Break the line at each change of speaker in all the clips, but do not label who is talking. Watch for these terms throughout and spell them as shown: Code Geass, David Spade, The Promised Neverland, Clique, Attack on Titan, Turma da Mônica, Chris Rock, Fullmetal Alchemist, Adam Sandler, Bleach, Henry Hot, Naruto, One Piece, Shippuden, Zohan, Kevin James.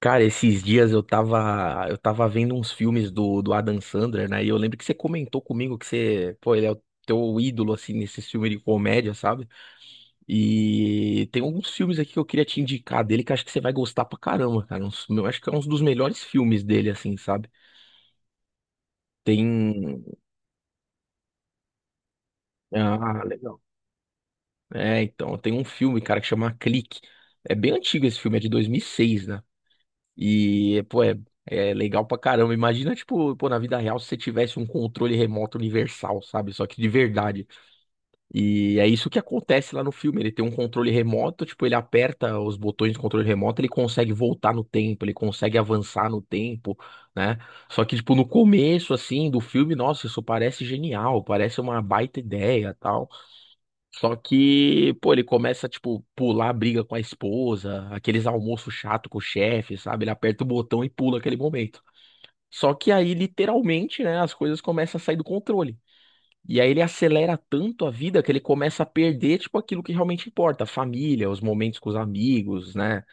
Cara, esses dias eu tava vendo uns filmes do Adam Sandler, né? E eu lembro que você comentou comigo que você, pô, ele é o teu ídolo, assim, nesse filme de comédia, sabe? E tem alguns filmes aqui que eu queria te indicar dele que eu acho que você vai gostar pra caramba, cara. Eu acho que é um dos melhores filmes dele, assim, sabe? Tem. Ah, legal. É, então, tem um filme, cara, que chama Clique. É bem antigo esse filme, é de 2006, né? E, pô, é legal pra caramba. Imagina, tipo, pô, na vida real, se você tivesse um controle remoto universal, sabe? Só que de verdade. E é isso que acontece lá no filme. Ele tem um controle remoto, tipo, ele aperta os botões do controle remoto, ele consegue voltar no tempo, ele consegue avançar no tempo, né? Só que, tipo, no começo, assim, do filme, nossa, isso parece genial, parece uma baita ideia, tal. Só que, pô, ele começa, tipo, pular a briga com a esposa, aqueles almoços chato com o chefe, sabe? Ele aperta o botão e pula aquele momento. Só que aí, literalmente, né, as coisas começam a sair do controle. E aí ele acelera tanto a vida que ele começa a perder, tipo, aquilo que realmente importa, a família, os momentos com os amigos, né?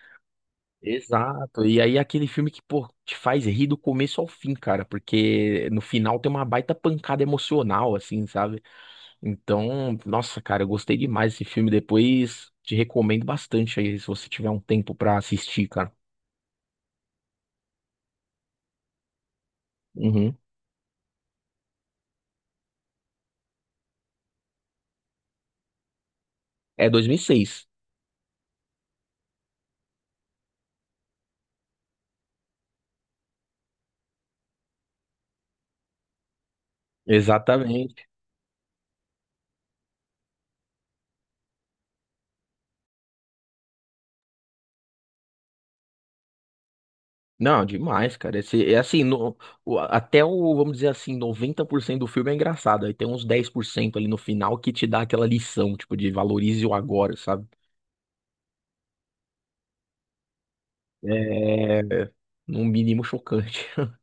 Exato. E aí aquele filme que, pô, te faz rir do começo ao fim, cara, porque no final tem uma baita pancada emocional, assim, sabe? Então, nossa, cara, eu gostei demais desse filme. Depois te recomendo bastante aí, se você tiver um tempo pra assistir, cara. Uhum. É 2006. Exatamente. Não, demais, cara. Esse, é assim, até o, vamos dizer assim, 90% do filme é engraçado. Aí tem uns 10% ali no final que te dá aquela lição, tipo, de valorize o agora, sabe? É, no mínimo chocante.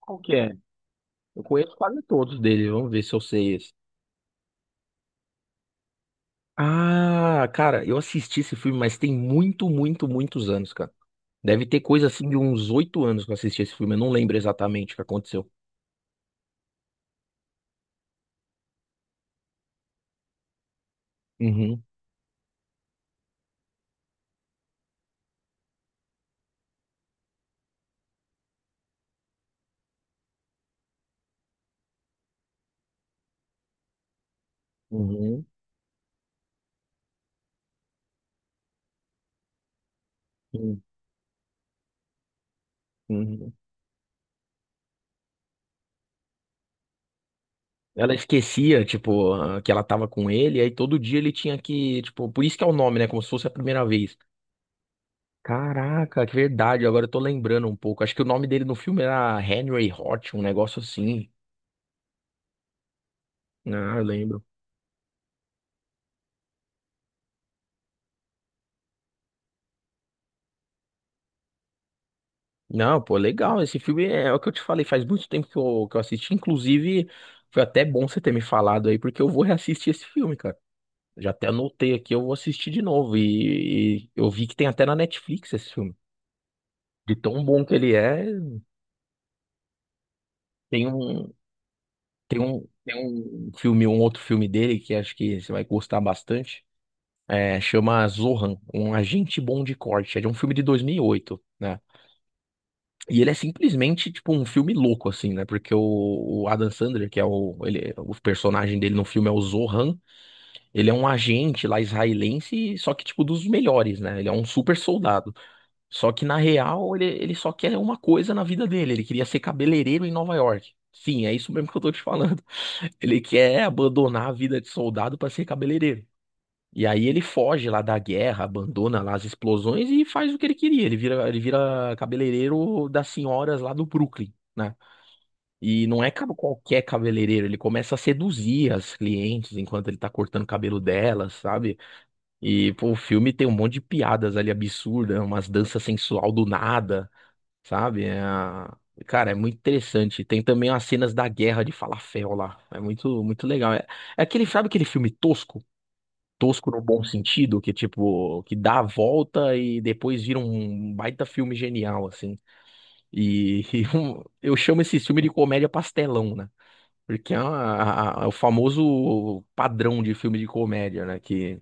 Qual que é? Eu conheço quase todos dele. Vamos ver se eu sei esse. Ah, cara, eu assisti esse filme, mas tem muito, muito, muitos anos, cara. Deve ter coisa assim de uns 8 anos que eu assisti esse filme. Eu não lembro exatamente o que aconteceu. Uhum, uhum, uhum, uhum. Ela esquecia, tipo, ah, que ela tava com ele, aí todo dia ele tinha que, tipo, por isso que é o nome, né? Como se fosse a primeira vez. Caraca, que verdade, agora eu tô lembrando um pouco. Acho que o nome dele no filme era Henry Hot, um negócio assim. Ah, eu lembro. Não, pô, legal. Esse filme é, é o que eu te falei, faz muito tempo que eu assisti. Inclusive, foi até bom você ter me falado aí, porque eu vou reassistir esse filme, cara. Já até anotei aqui, eu vou assistir de novo. E eu vi que tem até na Netflix esse filme. De tão bom que ele é, tem um, tem um filme, um outro filme dele que acho que você vai gostar bastante. É, chama Zohan, um agente bom de corte. É de um filme de 2008, né? E ele é simplesmente, tipo, um filme louco, assim, né? Porque o Adam Sandler, que é o, ele, o personagem dele no filme é o Zohan, ele é um agente lá israelense, só que, tipo, dos melhores, né? Ele é um super soldado. Só que, na real, ele só quer uma coisa na vida dele. Ele queria ser cabeleireiro em Nova York. Sim, é isso mesmo que eu tô te falando. Ele quer abandonar a vida de soldado pra ser cabeleireiro. E aí ele foge lá da guerra, abandona lá as explosões e faz o que ele queria. Ele vira cabeleireiro das senhoras lá do Brooklyn, né? E não é qualquer cabeleireiro, ele começa a seduzir as clientes enquanto ele tá cortando o cabelo delas, sabe? E pô, o filme tem um monte de piadas ali absurdas, umas danças sensual do nada, sabe? É, cara, é muito interessante. Tem também as cenas da guerra de falafel lá. É muito, muito legal. É, é aquele, sabe aquele filme tosco? Tosco no bom sentido, que tipo, que dá a volta e depois vira um baita filme genial, assim. E, e eu chamo esse filme de comédia pastelão, né? Porque é, é o famoso padrão de filme de comédia, né? Que,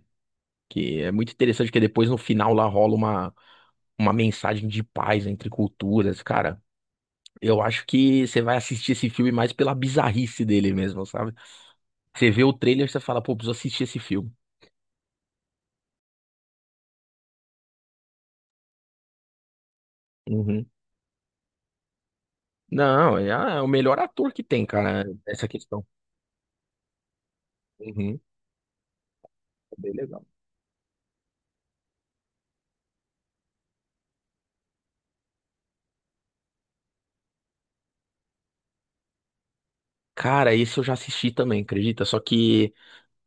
que é muito interessante, porque depois no final lá rola uma mensagem de paz entre culturas, cara. Eu acho que você vai assistir esse filme mais pela bizarrice dele mesmo, sabe? Você vê o trailer e você fala, pô, preciso assistir esse filme. Uhum. Não, é, ah, é o melhor ator que tem, cara, essa questão. Uhum, é bem legal. Cara, esse eu já assisti também, acredita? Só que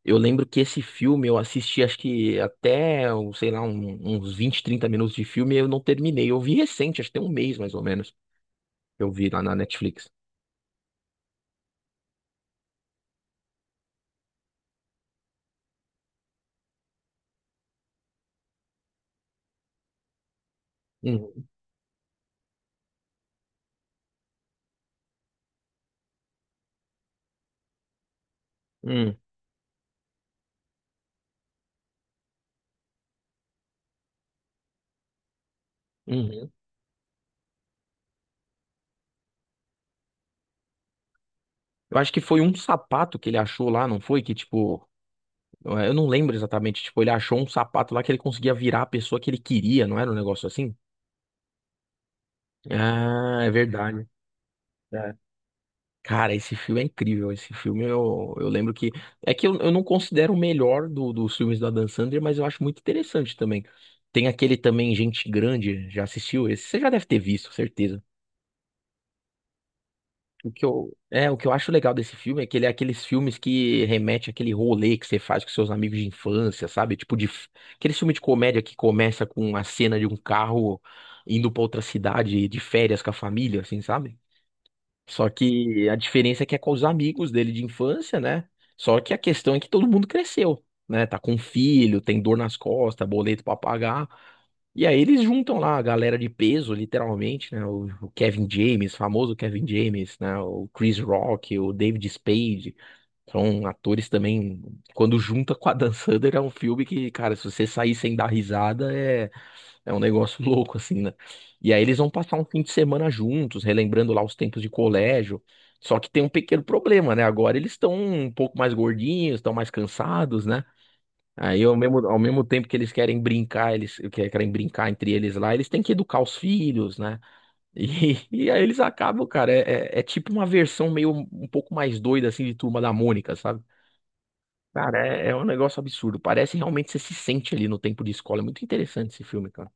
eu lembro que esse filme eu assisti, acho que até, um, sei lá, uns 20, 30 minutos de filme e eu não terminei. Eu vi recente, acho que tem um mês mais ou menos, que eu vi lá na Netflix. Uhum, uhum, uhum. Eu acho que foi um sapato que ele achou lá, não foi? Que tipo, eu não lembro exatamente, tipo, ele achou um sapato lá que ele conseguia virar a pessoa que ele queria, não era um negócio assim? Ah, é verdade. Cara, esse filme é incrível. Esse filme eu lembro que. É que eu não considero o melhor dos filmes da Dan Sandler, mas eu acho muito interessante também. Tem aquele também, Gente Grande, já assistiu esse? Você já deve ter visto, certeza. O que eu, é, o que eu acho legal desse filme é que ele é aqueles filmes que remete àquele rolê que você faz com seus amigos de infância, sabe? Tipo de, aquele filme de comédia que começa com a cena de um carro indo pra outra cidade de férias com a família, assim, sabe? Só que a diferença é que é com os amigos dele de infância, né? Só que a questão é que todo mundo cresceu, né? Tá com filho, tem dor nas costas, boleto pra pagar. E aí eles juntam lá a galera de peso, literalmente, né? O Kevin James, famoso Kevin James, né? O Chris Rock, o David Spade. São atores também. Quando junta com a Dan Sandler, é um filme que, cara, se você sair sem dar risada, é um negócio louco, assim, né? E aí eles vão passar um fim de semana juntos, relembrando lá os tempos de colégio. Só que tem um pequeno problema, né? Agora eles estão um pouco mais gordinhos, estão mais cansados, né? Aí ao mesmo tempo que eles querem brincar, eles querem brincar entre eles lá, eles têm que educar os filhos, né? E, e aí eles acabam, cara, é tipo uma versão meio um pouco mais doida, assim, de Turma da Mônica, sabe? Cara, é, é um negócio absurdo. Parece realmente que você se sente ali no tempo de escola. É muito interessante esse filme, cara.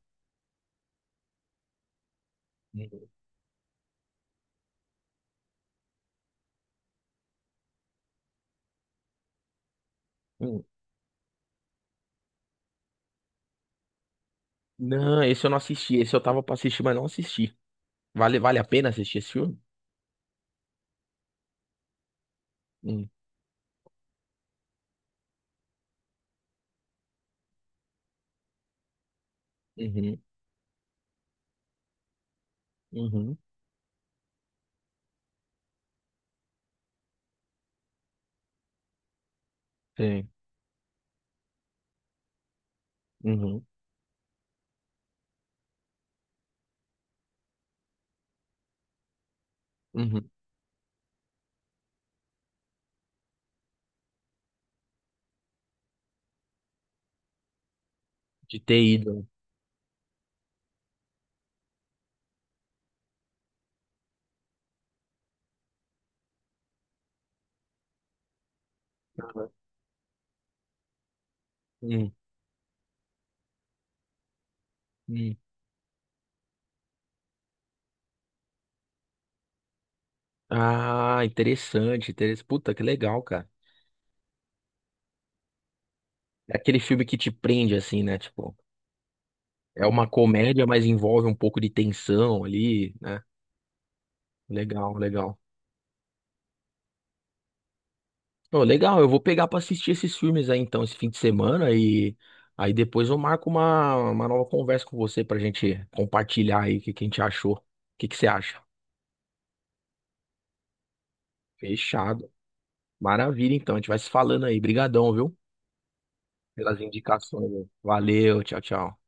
Uhum. Não, esse eu não assisti. Esse eu tava pra assistir, mas não assisti. Vale, vale a pena assistir esse filme? Hum, Uhum, uhum, sim, uhum, uhum. De ter ido. Hum, hum. Ah, interessante, interessante. Puta, que legal, cara. É aquele filme que te prende, assim, né? Tipo, é uma comédia, mas envolve um pouco de tensão ali, né? Legal, legal. Pô, legal, eu vou pegar pra assistir esses filmes aí então, esse fim de semana e aí depois eu marco uma nova conversa com você pra gente compartilhar aí o que que a gente achou. O que que você acha? Fechado. Maravilha, então, a gente vai se falando aí. Brigadão, viu? Pelas indicações. Valeu, tchau, tchau.